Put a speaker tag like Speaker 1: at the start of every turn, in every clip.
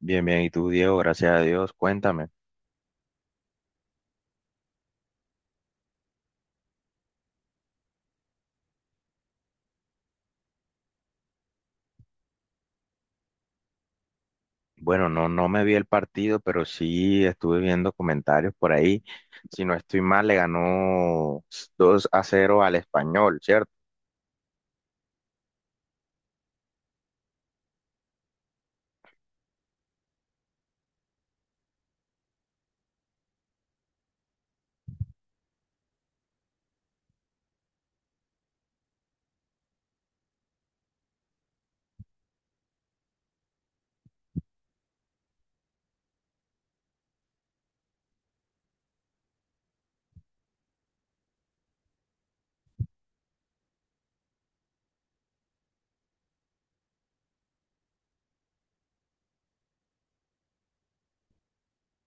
Speaker 1: Bien, bien, y tú, Diego, gracias a Dios, cuéntame. Bueno, no, no me vi el partido, pero sí estuve viendo comentarios por ahí. Si no estoy mal, le ganó 2-0 al Español, ¿cierto?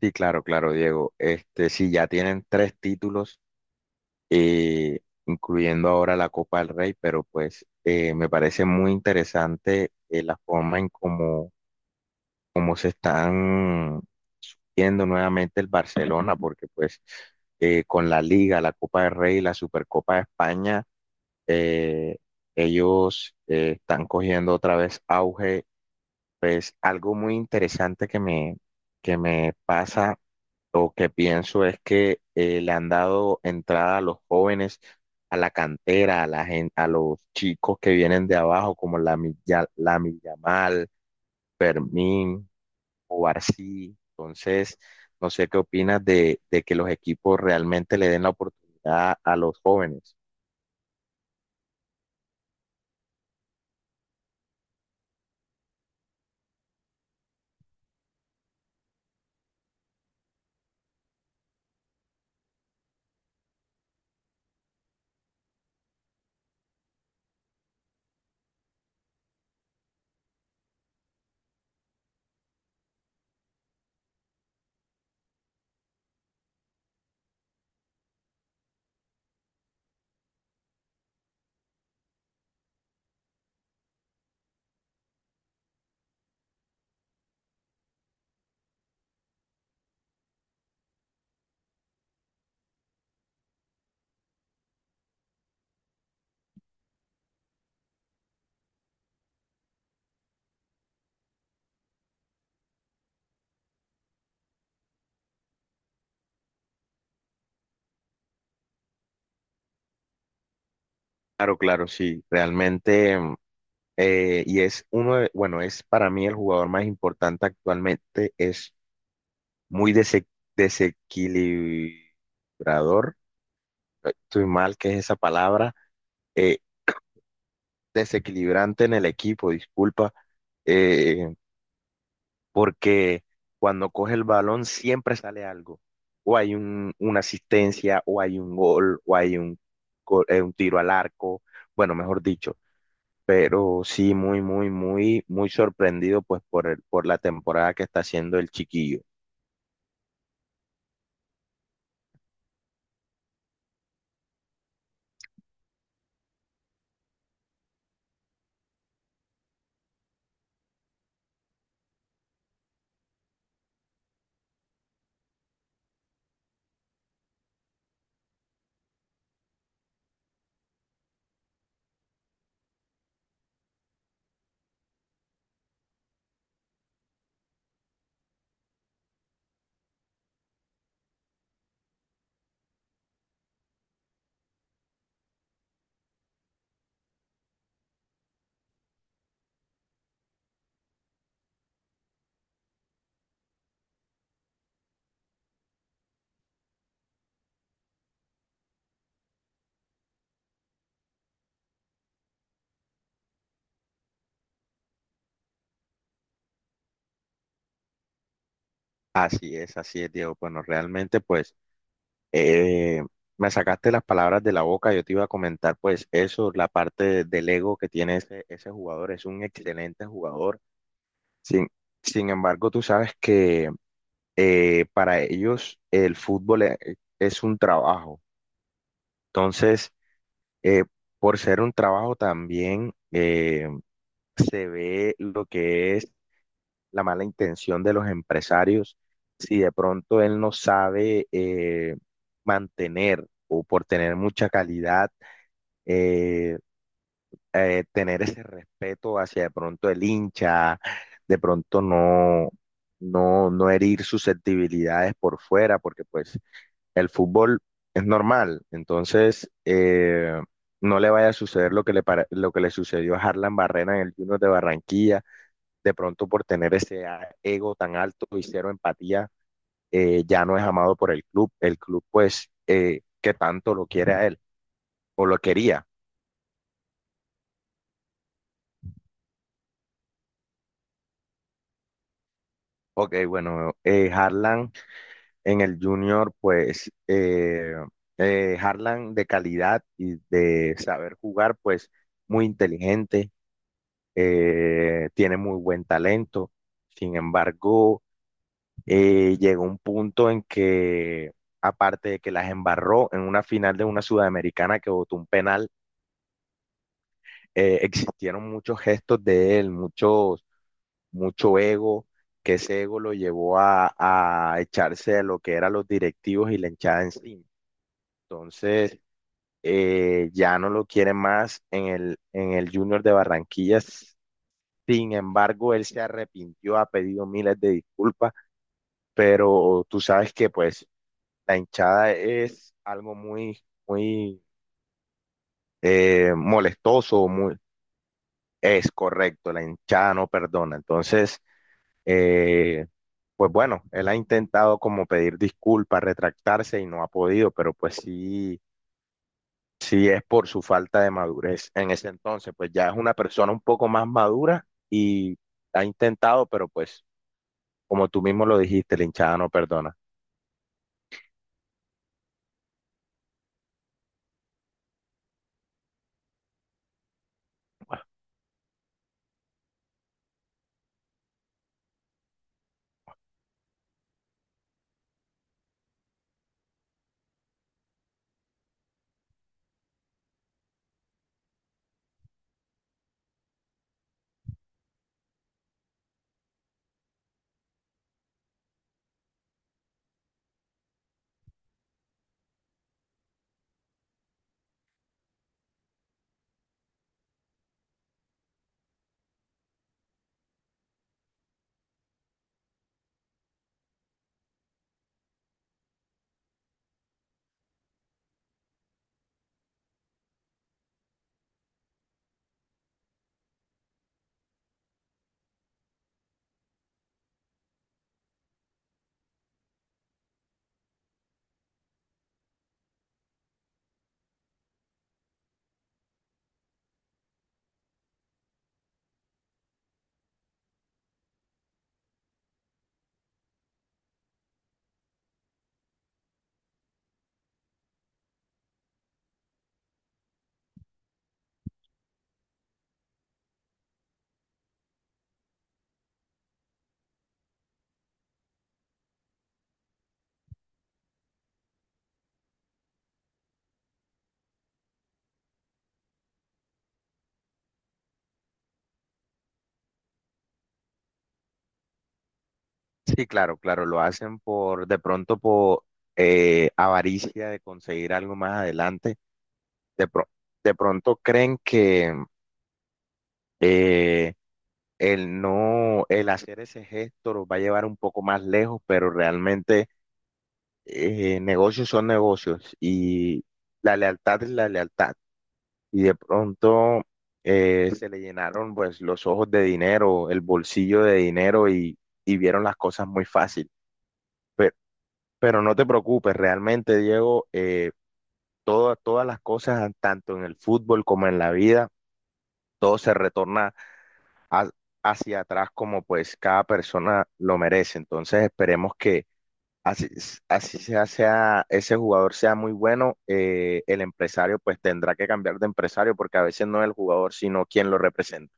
Speaker 1: Sí, claro, claro, Diego. Este, sí, ya tienen tres títulos, eh, incluyendo ahora la Copa del Rey, pero pues me parece muy interesante la forma en cómo se están compitiendo nuevamente el Barcelona, porque pues con la Liga, la Copa del Rey, la Supercopa de España, eh, ellos están cogiendo otra vez auge. Pues algo muy interesante que me pasa o que pienso es que le han dado entrada a los jóvenes, a la cantera, a los chicos que vienen de abajo, como la Yamal, Fermín, o Barsi. Entonces, no sé qué opinas de que los equipos realmente le den la oportunidad a los jóvenes. Claro, claro, sí, realmente, y es uno bueno, es para mí el jugador más importante actualmente, es muy desequilibrador, estoy mal, que es esa palabra, eh, desequilibrante en el equipo, disculpa, eh, porque cuando coge el balón siempre sale algo. O hay una asistencia, o hay un gol, o hay un tiro al arco, bueno, mejor dicho. Pero sí, muy, muy, muy, muy sorprendido pues por por la temporada que está haciendo el chiquillo. Así es, Diego. Bueno, realmente pues eh, me sacaste las palabras de la boca. Yo te iba a comentar pues eso, la parte del ego que tiene ese jugador. Es un excelente jugador. Sin, sin embargo, tú sabes que para ellos el fútbol es un trabajo. Entonces, eh, por ser un trabajo también se ve lo que es la mala intención de los empresarios. Si de pronto él no sabe mantener o por tener mucha calidad, eh, tener ese respeto hacia de pronto el hincha, de pronto no, no, no herir susceptibilidades por fuera, porque pues el fútbol es normal, entonces no le vaya a suceder lo que le sucedió a Harlan Barrena en el Junior de Barranquilla, de pronto por tener ese ego tan alto y cero empatía, ya no es amado por el club pues que tanto lo quiere a él o lo quería. Ok, bueno, Harlan en el Junior pues Harlan de calidad y de saber jugar pues muy inteligente, tiene muy buen talento. Sin embargo, llegó un punto en que, aparte de que las embarró en una final de una sudamericana que votó un penal, eh, existieron muchos gestos de él, muchos, mucho ego, que ese ego lo llevó a echarse a lo que eran los directivos y la hinchada encima. Entonces, ya no lo quiere más en el Junior de Barranquillas. Sin embargo, él se arrepintió, ha pedido miles de disculpas, pero tú sabes que pues la hinchada es algo muy, muy molestoso. Es correcto, la hinchada no perdona. Entonces, eh, pues bueno, él ha intentado como pedir disculpas, retractarse y no ha podido, pero pues sí, sí es por su falta de madurez en ese entonces, pues ya es una persona un poco más madura y ha intentado, pero pues como tú mismo lo dijiste, la hinchada no perdona. Sí, claro, claro, lo hacen por, de pronto por avaricia de conseguir algo más adelante. De, pro- de pronto creen que eh, el no, el hacer ese gesto los va a llevar un poco más lejos, pero realmente negocios son negocios y la lealtad es la lealtad. Y de pronto se le llenaron pues los ojos de dinero, el bolsillo de dinero y vieron las cosas muy fácil. Pero, pero no te preocupes, realmente, Diego, todas las cosas, tanto en el fútbol como en la vida, todo se retorna a- hacia atrás como pues cada persona lo merece. Entonces esperemos que así, así sea, ese jugador sea muy bueno, el empresario pues tendrá que cambiar de empresario porque a veces no es el jugador, sino quien lo representa.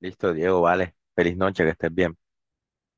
Speaker 1: Listo, Diego, vale. Feliz noche, que estés bien.